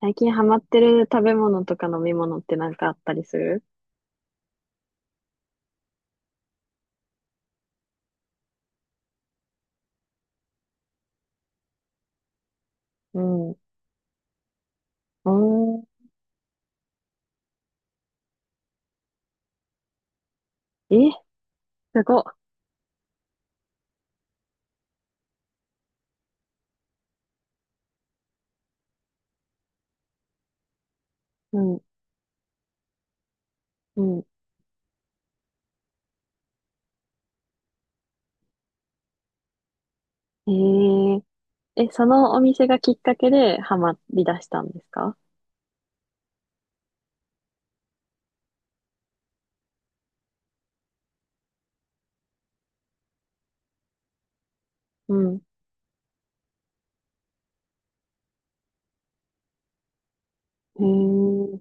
最近ハマってる食べ物とか飲み物ってなんかあったりする？うん。おー。え、すごっ。ん。うん。うん。え、そのお店がきっかけでハマり出したんですか？うん。えー、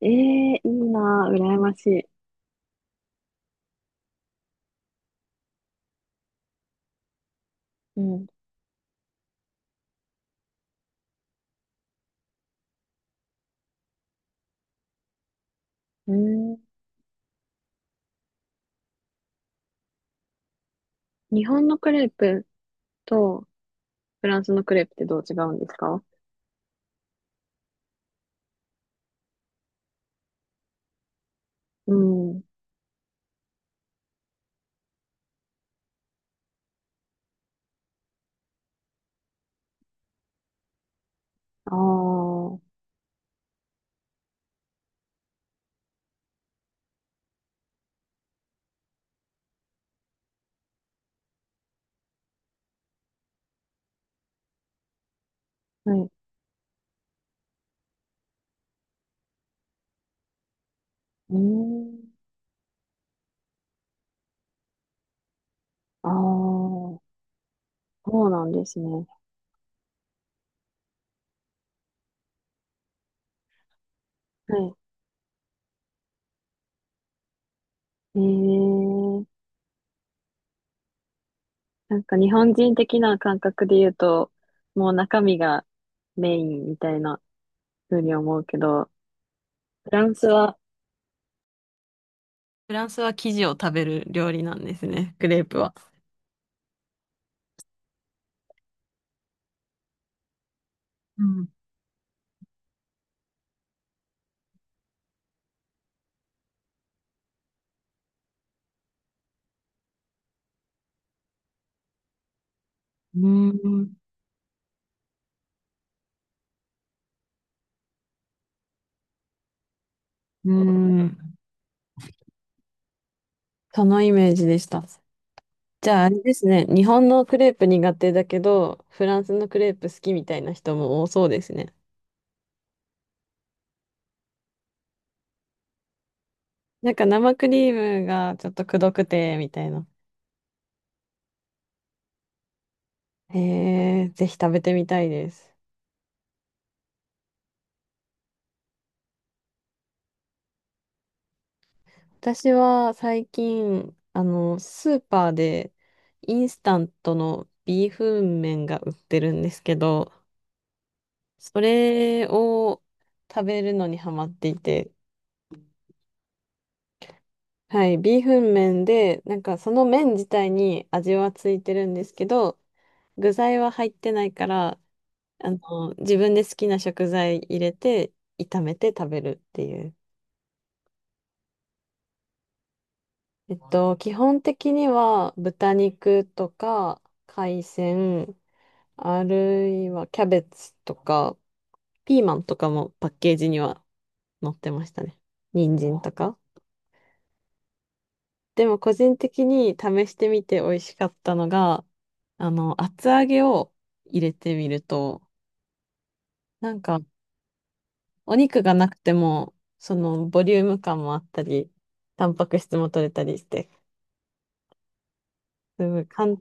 えー、いいなぁ、羨ましい。うん。うん。日本のクレープとフランスのクレープってどう違うんですか？うん。ああ。はい。うん。ああ。そうなんですね。はい。ええ。なんか日本人的な感覚で言うと、もう中身がメインみたいな風に思うけど、フランスは、フランスは生地を食べる料理なんですね、クレープは。うん、うーん、うーん。そのイメージでした。じゃああれですね、日本のクレープ苦手だけど、フランスのクレープ好きみたいな人も多そうですね。なんか生クリームがちょっとくどくて、みたいな。へえ、ぜひ食べてみたいです。私は最近、スーパーでインスタントのビーフン麺が売ってるんですけど、それを食べるのにハマっていて、はい、ビーフン麺で、なんかその麺自体に味はついてるんですけど、具材は入ってないから、自分で好きな食材入れて炒めて食べるっていう。基本的には豚肉とか海鮮、あるいはキャベツとか、ピーマンとかもパッケージには載ってましたね。人参とか。でも個人的に試してみて美味しかったのが、厚揚げを入れてみると、なんかお肉がなくても、そのボリューム感もあったり、タンパク質も取れたりして、すごい簡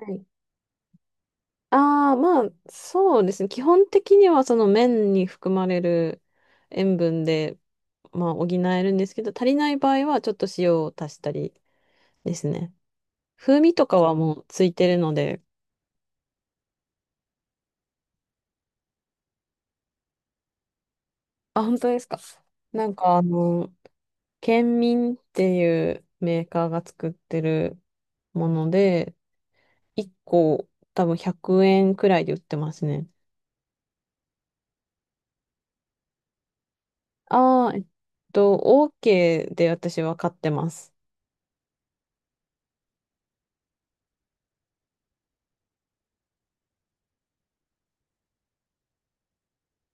単、ああ、まあ、そうですね。基本的にはその麺に含まれる塩分で、まあ、補えるんですけど、足りない場合はちょっと塩を足したりですね。風味とかはもうついてるので、あ、本当ですか。なんか県民っていうメーカーが作ってるもので、1個多分100円くえんくらいで売ってますね。ああ、と、OK で私は買ってます。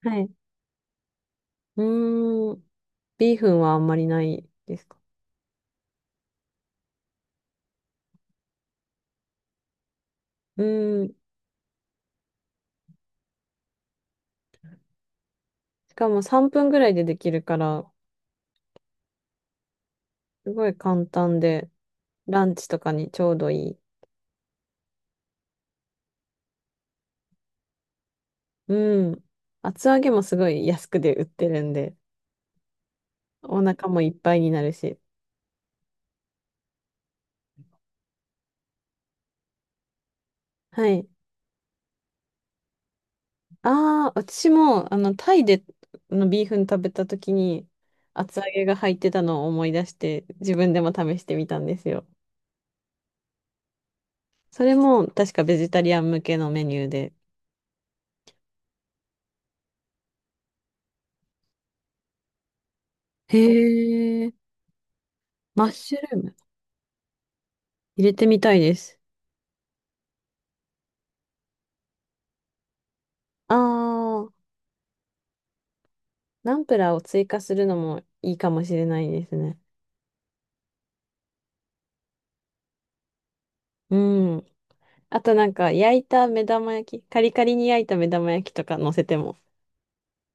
はい。うーん。ビーフンはあんまりないですか？うん。しかも3分ぐらいでできるから、すごい簡単で、ランチとかにちょうどいい。うん。厚揚げもすごい安くで売ってるんで、お腹もいっぱいになるし。はい。ああ、私も、タイでのビーフン食べた時に、厚揚げが入ってたのを思い出して、自分でも試してみたんですよ。それも、確かベジタリアン向けのメニューで。へえ、マッシュルーム入れてみたいです。ああ、ナンプラーを追加するのもいいかもしれないですね。うん。あとなんか焼いた目玉焼き、カリカリに焼いた目玉焼きとか乗せても。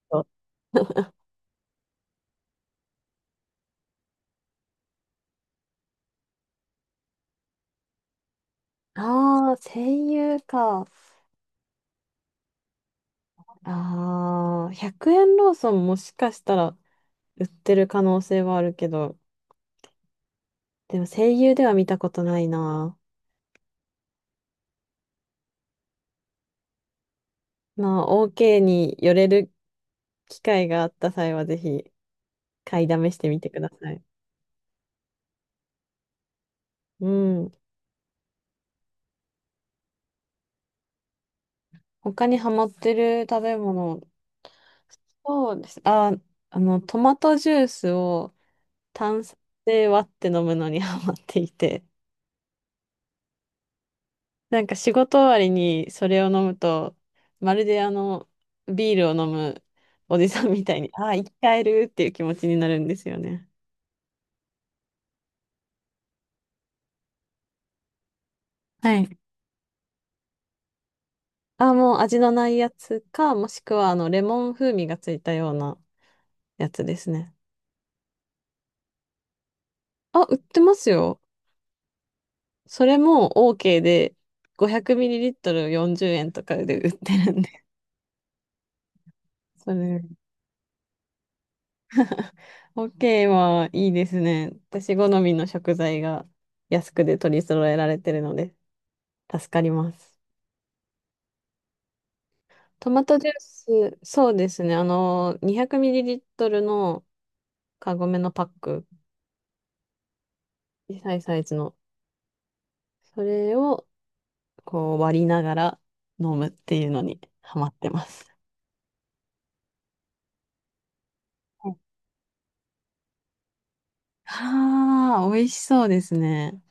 そう ああ、声優か。ああ、100円ローソンもしかしたら売ってる可能性はあるけど、でも声優では見たことないな。まあ、OK に寄れる機会があった際はぜひ買いだめしてみてください。うん。他にハマってる食べ物？そうです。あ、トマトジュースを炭酸で割って飲むのに ハマっていて、なんか仕事終わりにそれを飲むと、まるでビールを飲むおじさんみたいに、ああ、生き返るっていう気持ちになるんですよね。はい。あ、もう味のないやつか、もしくはレモン風味がついたようなやつですね。あ、売ってますよ。それも OK で、500ml40 円とかで売ってるんで。それホッケーはいいですね。私好みの食材が安くで取り揃えられてるので助かります。トマトジュース、そうですね。200ml のカゴメのパック、小さいサイズの、それをこう割りながら飲むっていうのにハマってます。はあー、美味しそうですね。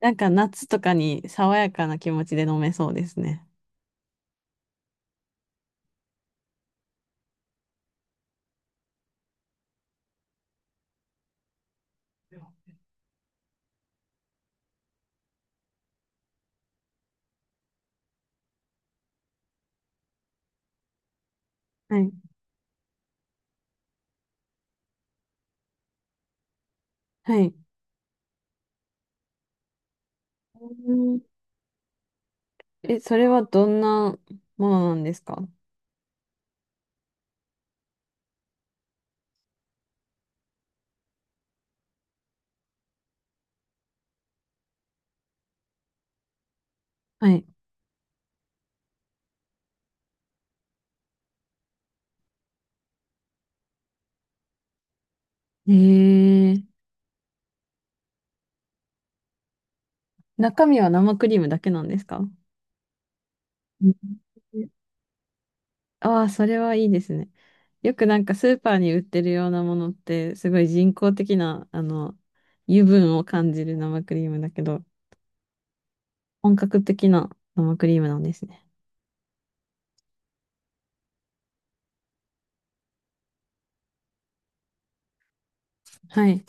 なんか夏とかに爽やかな気持ちで飲めそうですね。はい。はい。うん。え、それはどんなものなんですか？はい。えー、中身は生クリームだけなんですか？ああー、それはいいですね。よくなんかスーパーに売ってるようなものって、すごい人工的な、油分を感じる生クリームだけど、本格的な生クリームなんですね。はい。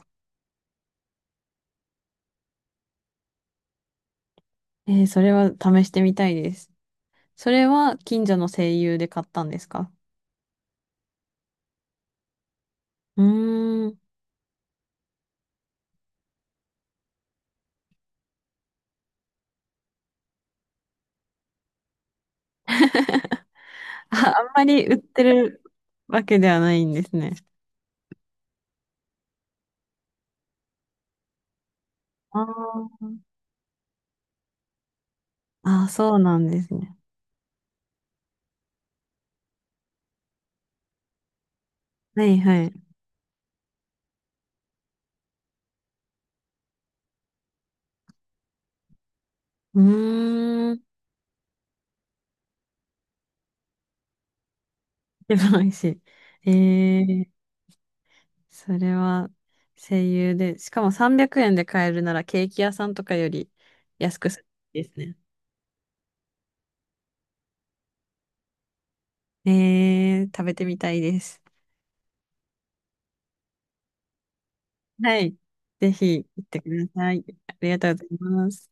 えー、それは試してみたいです。それは近所の声優で買ったんですか？うーん。あ、あんまり売ってるわけではないんですね。ああ、あ、そうなんですね。はいはい。うーん。で美味しい。えー、それは声優で、しかも300円で買えるならケーキ屋さんとかより安くするんですね。えー、食べてみたいです。はい。ぜひ行ってください。ありがとうございます。